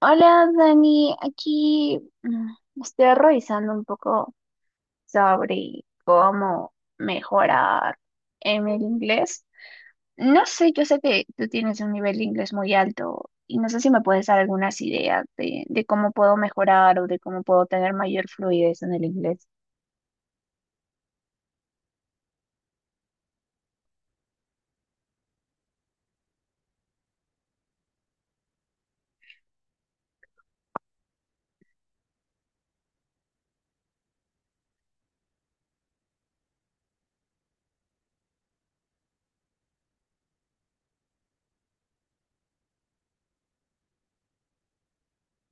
Hola Dani, aquí estoy revisando un poco sobre cómo mejorar en el inglés. No sé, yo sé que tú tienes un nivel de inglés muy alto y no sé si me puedes dar algunas ideas de cómo puedo mejorar o de cómo puedo tener mayor fluidez en el inglés.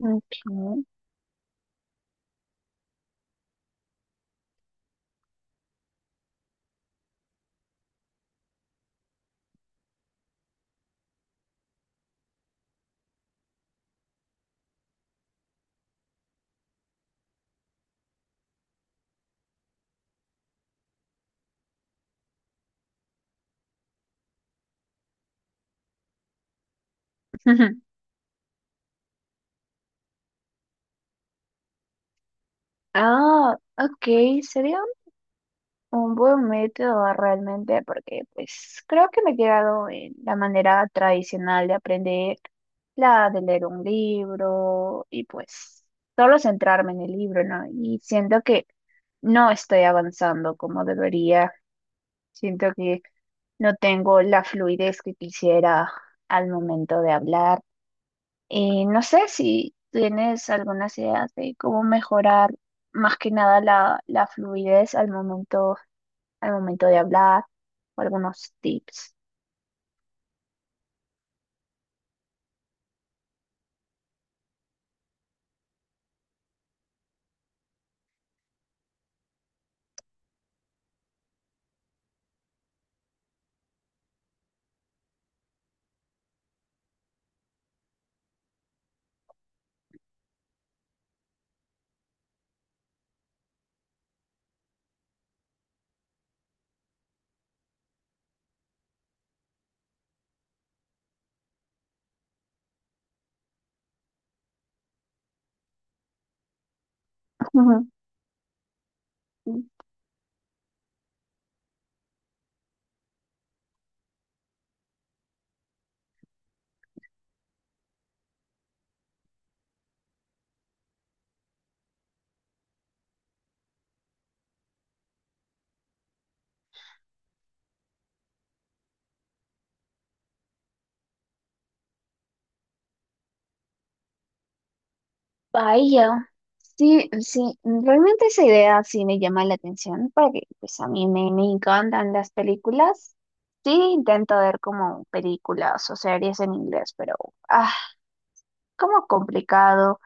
Ok. Ah, ok, sería un buen método realmente, porque pues creo que me he quedado en la manera tradicional de aprender, la de leer un libro y pues solo centrarme en el libro, ¿no? Y siento que no estoy avanzando como debería, siento que no tengo la fluidez que quisiera al momento de hablar. Y no sé si tienes algunas ideas de cómo mejorar más que nada la, la fluidez al momento de hablar o algunos tips. Ujú. Vaya, sí, sí, realmente esa idea sí me llama la atención porque pues a mí me encantan las películas. Sí, intento ver como películas o series en inglés, pero ah, como complicado.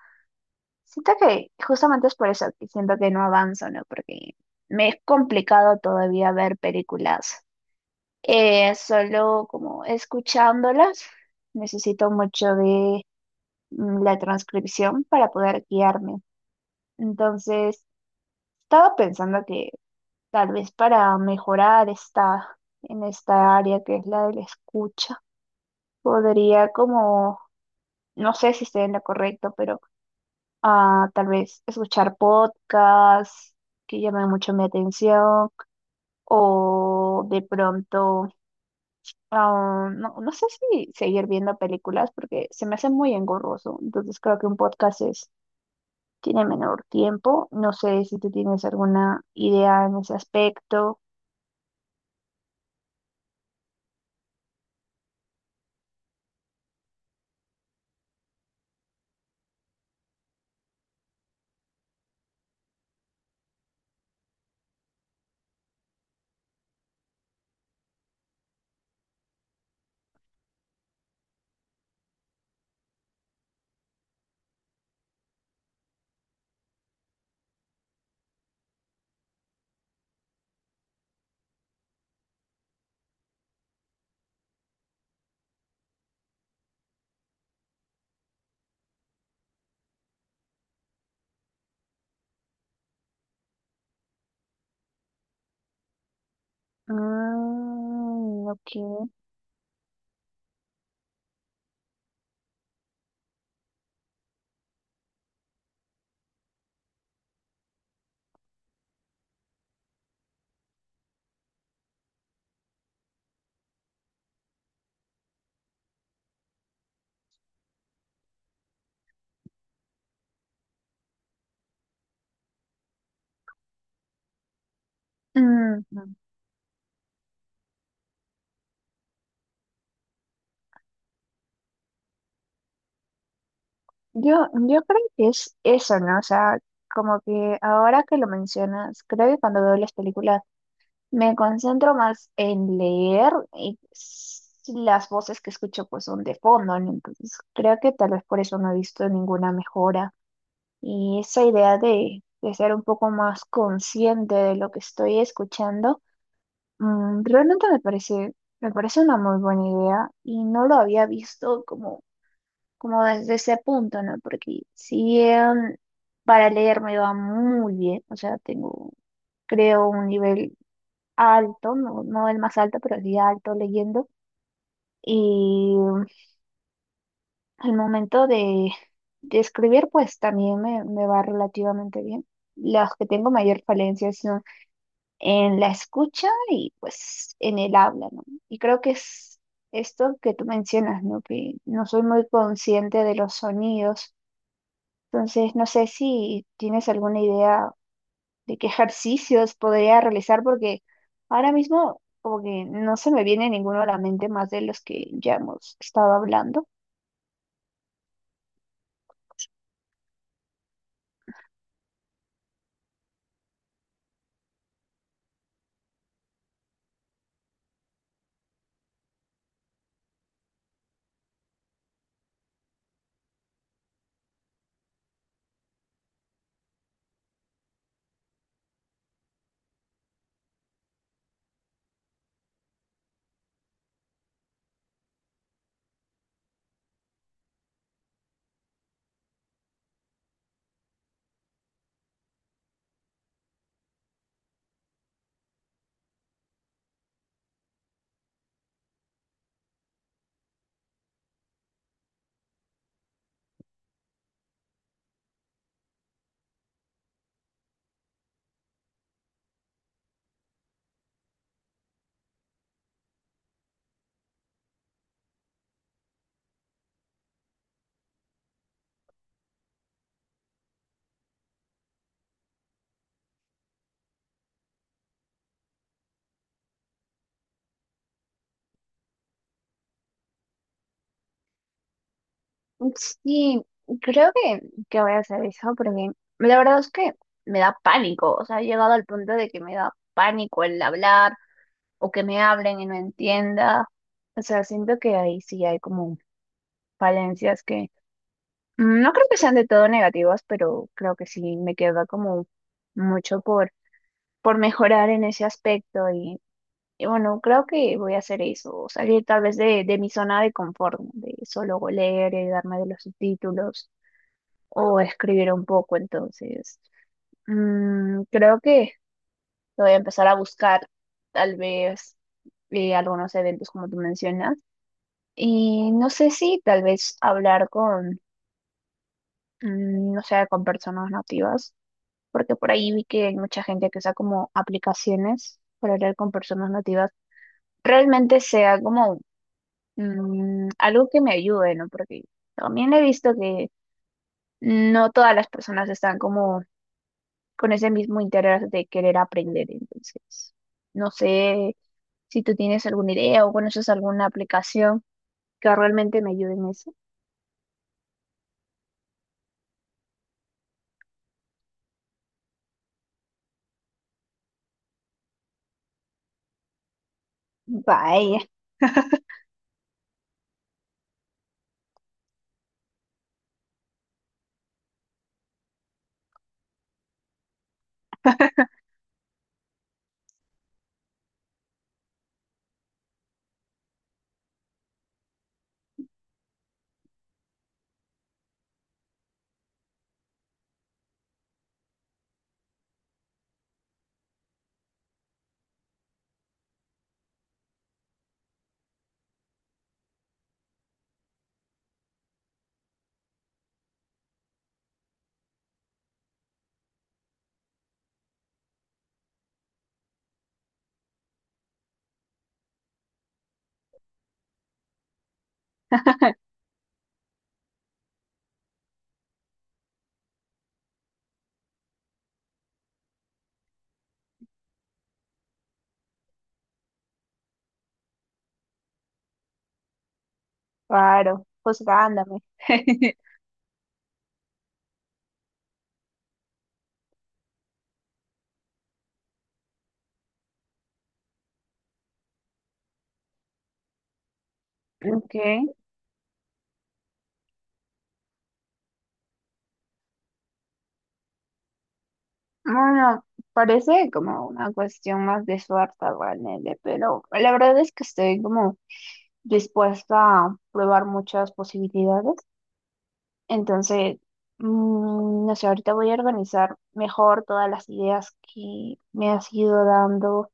Siento que justamente es por eso que siento que no avanzo, ¿no? Porque me es complicado todavía ver películas. Solo como escuchándolas, necesito mucho de la transcripción para poder guiarme. Entonces, estaba pensando que tal vez para mejorar en esta área que es la de la escucha, podría como, no sé si estoy en lo correcto, pero tal vez escuchar podcasts que llamen mucho mi atención o de pronto... No, no sé si seguir viendo películas porque se me hace muy engorroso, entonces creo que un podcast es tiene menor tiempo. No sé si tú tienes alguna idea en ese aspecto. Mm, ok. Mm, yo creo que es eso, ¿no? O sea, como que ahora que lo mencionas, creo que cuando veo las películas me concentro más en leer y las voces que escucho pues son de fondo, ¿no? Entonces creo que tal vez por eso no he visto ninguna mejora. Y esa idea de ser un poco más consciente de lo que estoy escuchando. Realmente me parece una muy buena idea y no lo había visto como desde ese punto, ¿no? Porque si bien para leer me va muy bien, o sea, tengo, creo, un nivel alto, no, no el más alto, pero sí alto leyendo. Y al momento de escribir, pues también me va relativamente bien. Las que tengo mayor falencia en la escucha y pues en el habla, ¿no? Y creo que es esto que tú mencionas, ¿no? Que no soy muy consciente de los sonidos. Entonces, no sé si tienes alguna idea de qué ejercicios podría realizar, porque ahora mismo como que no se me viene ninguno a la mente más de los que ya hemos estado hablando. Sí, creo que voy a hacer eso, porque la verdad es que me da pánico, o sea, he llegado al punto de que me da pánico el hablar o que me hablen y no entienda. O sea, siento que ahí sí hay como falencias que no creo que sean de todo negativas, pero creo que sí me queda como mucho por mejorar en ese aspecto y bueno, creo que voy a hacer eso, o salir tal vez de mi zona de confort, ¿no? De solo leer y darme de los subtítulos o escribir un poco, entonces creo que voy a empezar a buscar tal vez algunos eventos como tú mencionas. Y no sé si tal vez hablar con, no sé, con personas nativas, porque por ahí vi que hay mucha gente que usa como aplicaciones para hablar con personas nativas, realmente sea como algo que me ayude, ¿no? Porque también he visto que no todas las personas están como con ese mismo interés de querer aprender, entonces no sé si tú tienes alguna idea o conoces alguna aplicación que realmente me ayude en eso. Vaya. Claro, juzgándome. Ok, bueno, parece como una cuestión más de suerte realmente, pero la verdad es que estoy como dispuesta a probar muchas posibilidades. Entonces, no sé, ahorita voy a organizar mejor todas las ideas que me has ido dando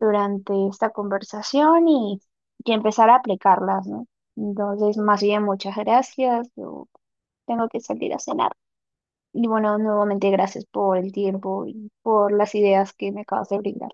durante esta conversación y empezar a aplicarlas, ¿no? Entonces, más bien, muchas gracias. Yo tengo que salir a cenar. Y bueno, nuevamente gracias por el tiempo y por las ideas que me acabas de brindar.